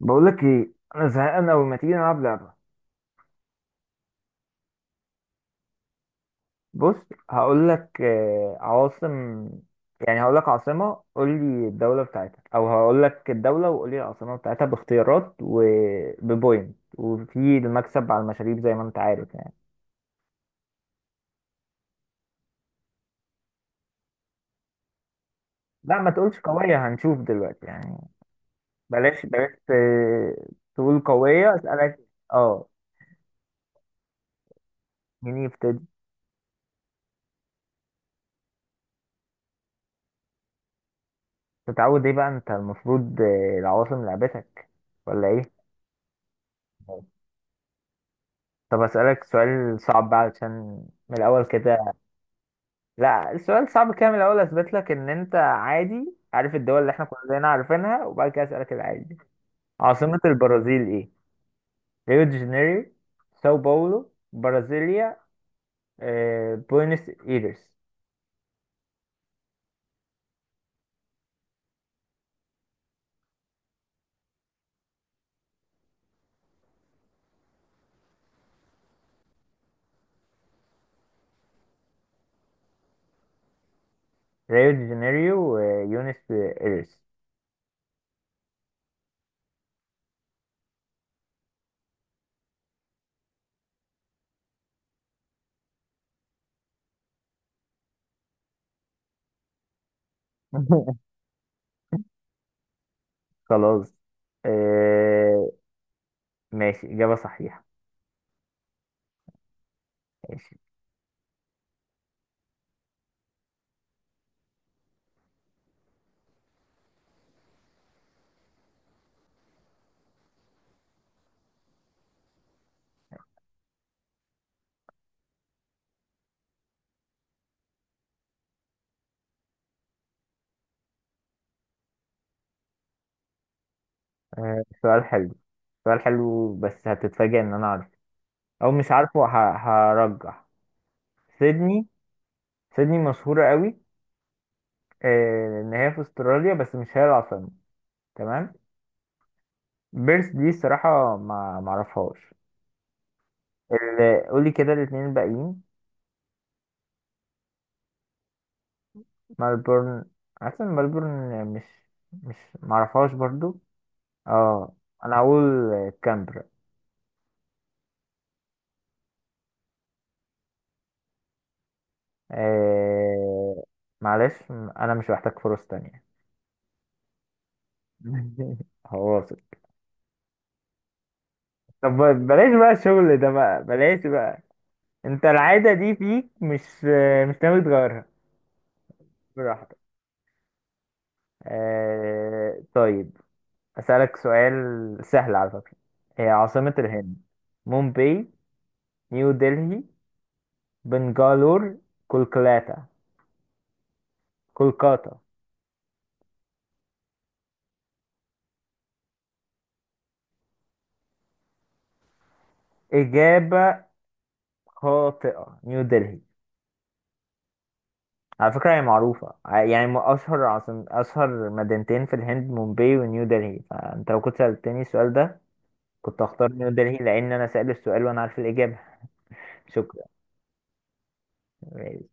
بقول لك ايه، انا زهقان قوي. ما تيجي نلعب لعبه؟ بص. هقول لك عواصم. يعني هقول لك عاصمه قول لي الدوله بتاعتها، او هقول لك الدوله وقول لي العاصمه بتاعتها، باختيارات وببوينت، وفي المكسب على المشاريب زي ما انت عارف يعني. لا، ما تقولش قويه، هنشوف دلوقتي يعني. بلاش بلاش تقول قويه اسالك. اه. مين يبتدي؟ تتعود ايه بقى؟ انت المفروض العواصم لعبتك، ولا ايه؟ طب أسألك سؤال صعب بقى، علشان من الأول كده. لا، السؤال صعب كده من الأول أثبت لك إن أنت عادي عارف الدول اللي إحنا كلنا عارفينها، وبعد كده أسألك العادي. عاصمة البرازيل إيه؟ ريو دي جانيرو، ساو باولو، برازيليا، بوينس إيرس. ريو دي جانيرو ويونس إيرس. خلاص. آه، ماشي، إجابة صحيحة. ماشي. سؤال حلو، سؤال حلو، بس هتتفاجئ إن أنا عارفه أو مش عارفه. هرجح سيدني. سيدني مشهورة قوي، ان هي في استراليا بس مش هي العاصمة. تمام. بيرث دي الصراحة ما معرفهاش. قولي كده الاتنين الباقيين. ملبورن، عارفة إن ملبورن مش معرفهاش برضو. اه، انا هقول كامبرا. آه. معلش، انا مش محتاج فرص تانية. هواصل. طب بلاش بقى الشغل ده بقى، بلاش بقى. انت العادة دي فيك، مش مش ناوي تغيرها؟ براحتك. آه، طيب. أسألك سؤال سهل على فكرة. هي عاصمة الهند؟ مومباي، نيو دلهي، بنغالور، كولكاتا. كولكاتا. إجابة خاطئة. نيو دلهي. على فكرة هي معروفة يعني أشهر عاصم، أشهر مدينتين في الهند مومباي ونيو دلهي، فأنت لو كنت سألتني السؤال ده كنت هختار نيو دلهي، لأن أنا سأل السؤال وأنا عارف الإجابة. شكرا. ماشي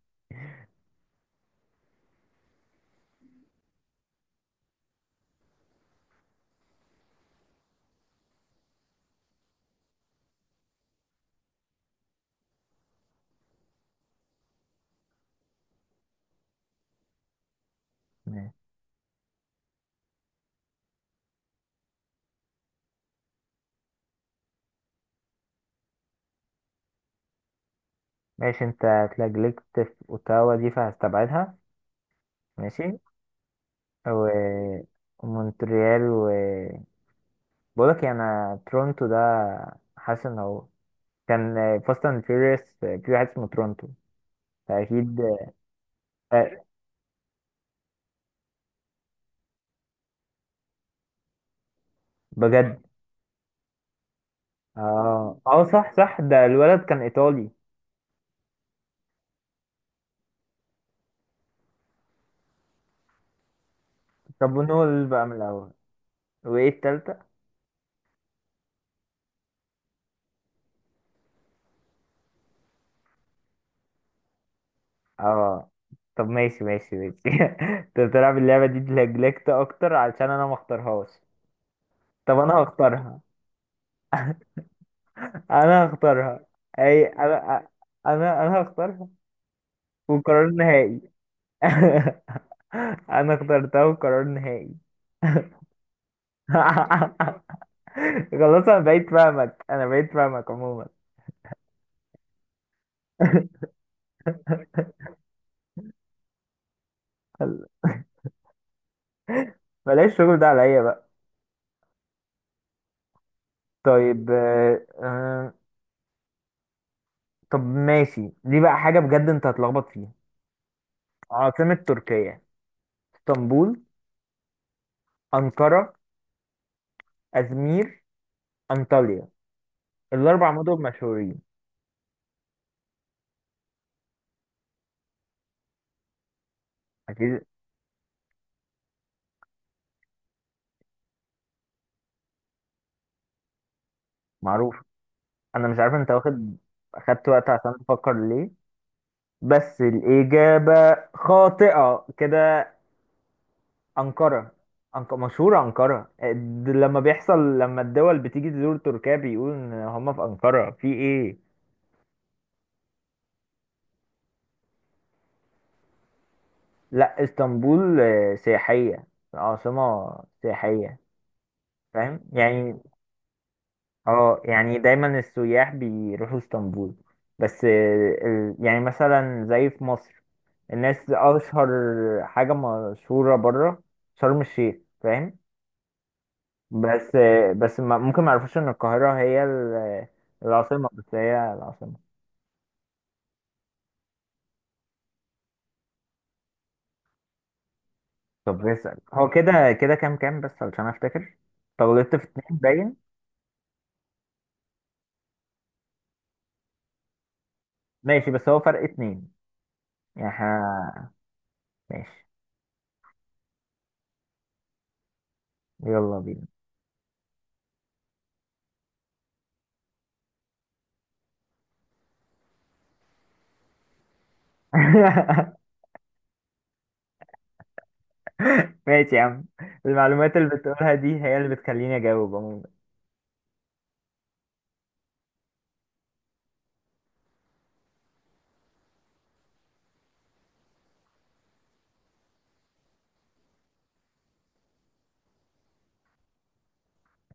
ماشي. أنت اتلجلجت في أوتاوا دي فهستبعدها. ماشي. ومونتريال، و... بقولك يعني، انا تورونتو ده حاسس ان هو كان فاست اند فيوريوس في واحد اسمه تورونتو، فاكيد. آه، بجد؟ اه اه، صح صح، ده الولد كان ايطالي. طب ونقول بقى من الاول، وايه التالتة؟ اه. طب ماشي ماشي ماشي. انت بتلعب اللعبة دي لجلكت اكتر علشان انا ما اختارهاش. طب انا هختارها، انا هختارها. اي انا هختارها، وقرار نهائي. انا اخترتها قرار نهائي. خلاص، انا بقيت فاهمك، انا بقيت فاهمك عموما. بلاش الشغل ده عليا بقى. طيب طب ماشي، دي بقى حاجة بجد انت هتلخبط فيها. عاصمة تركيا؟ اسطنبول، أنقرة، أزمير، أنطاليا. الأربع مدن مشهورين. أكيد. معروف. أنا مش عارف انت واخد، أخدت وقت عشان تفكر ليه، بس الإجابة خاطئة كده. أنقرة. مشهورة أنقرة، لما بيحصل، لما الدول بتيجي تزور تركيا بيقولوا إن هما في أنقرة، في إيه؟ لا، اسطنبول سياحية، عاصمة سياحية، فاهم؟ يعني اه، يعني دايما السياح بيروحوا اسطنبول، بس يعني مثلا زي في مصر، الناس أشهر حاجة، مشهورة بره شرم الشيخ، فاهم؟ بس بس ممكن ما يعرفوش إن القاهرة هي العاصمة، بس هي العاصمة. طب اسأل هو كده، كده كام كام بس علشان افتكر. طب غلطت في اتنين باين. ماشي، بس هو فرق اتنين يعني احنا. ماشي، يلا بينا. ماشي يا عم. المعلومات اللي بتقولها دي هي اللي بتخليني اجاوب عموما.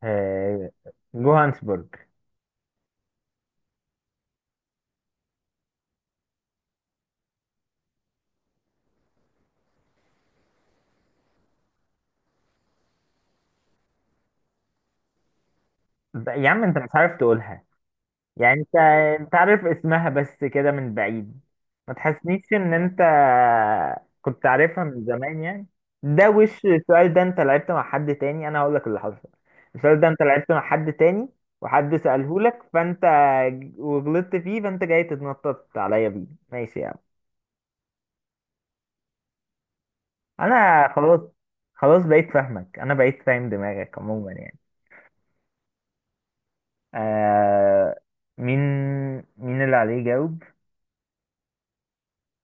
آه، جوهانسبورج. يا عم انت مش عارف تقولها، يعني انت، انت عارف اسمها بس كده من بعيد. ما تحسنيش ان انت كنت عارفها من زمان يعني. ده وش السؤال ده؟ انت لعبت مع حد تاني، انا هقول لك اللي حصل. السؤال ده انت لعبت مع حد تاني، وحد سأله لك فانت وغلطت فيه، فانت جاي تتنطط عليا بيه. ماشي يا عم. انا خلاص، خلاص بقيت فاهمك، انا بقيت فاهم دماغك عموما يعني. آه. مين مين اللي عليه يجاوب؟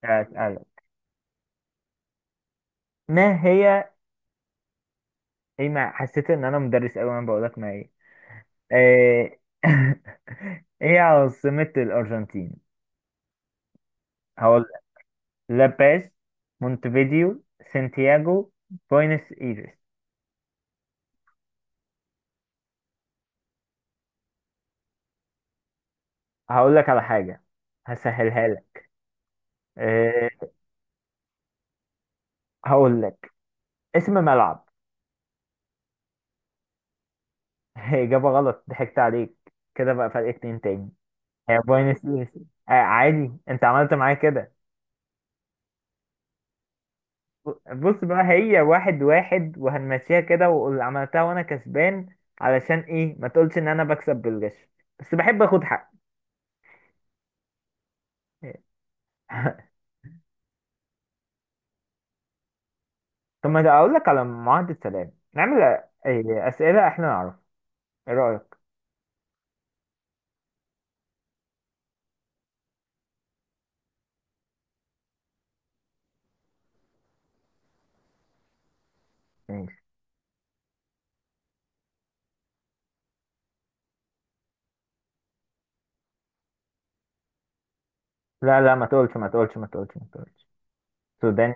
آه، اسألك. ما هي ايه؟ ما حسيت ان انا مدرس قوي وانا بقول لك ما ايه. ايه. ايه عاصمة الارجنتين؟ هقول: لاباز، مونتفيديو، سانتياغو، بوينس ايرس. هقول لك على حاجة، هسهلها لك. إيه؟ هقول لك اسم ملعب. اجابة غلط، ضحكت عليك. كده بقى فرق اتنين تاني. هي بوينس ايرس. آه عادي، انت عملت معايا كده. بص بقى، هي واحد واحد وهنمشيها كده، واللي عملتها وانا كسبان. علشان ايه ما تقولش ان انا بكسب بالغش، بس بحب اخد حق. طب ما اقول لك على معاهدة سلام، نعمل إيه اسئلة احنا نعرف؟ ايه رأيك؟ ماشي. لا لا، ما تقولش ما تقولش ما تقولش ما تقولش. سودان.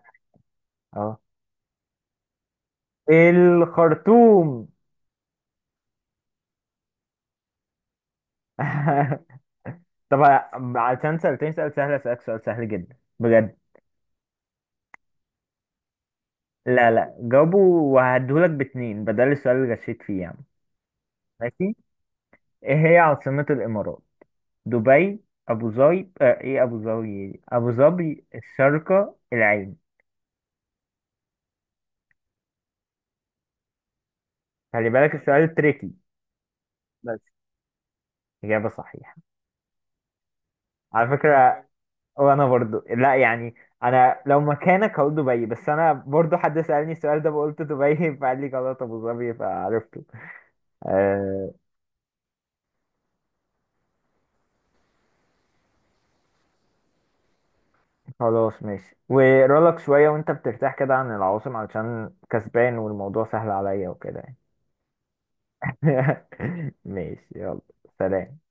اه. الخرطوم. طب عشان سألتني سؤال سهل، اسألك سؤال سهل جدا بجد. لا لا، جاوبه وهديهولك باتنين بدل السؤال اللي غشيت فيه يعني. ماشي. ايه هي عاصمة الامارات؟ دبي، ابو ظبي، آه، ايه ابو ظبي إيه؟ ابو ظبي، الشارقة، العين. خلي بالك السؤال تريكي بس. اجابة صحيحة. على فكرة، وانا برضو لا يعني، انا لو مكانك هقول دبي، بس انا برضو حد سألني السؤال ده بقولت دبي فقال لي غلط ابو ظبي فعرفته. آه. خلاص ماشي. ورولك شوية وانت بترتاح كده عن العواصم علشان كسبان والموضوع سهل عليا وكده يعني. ماشي يلا. سلام.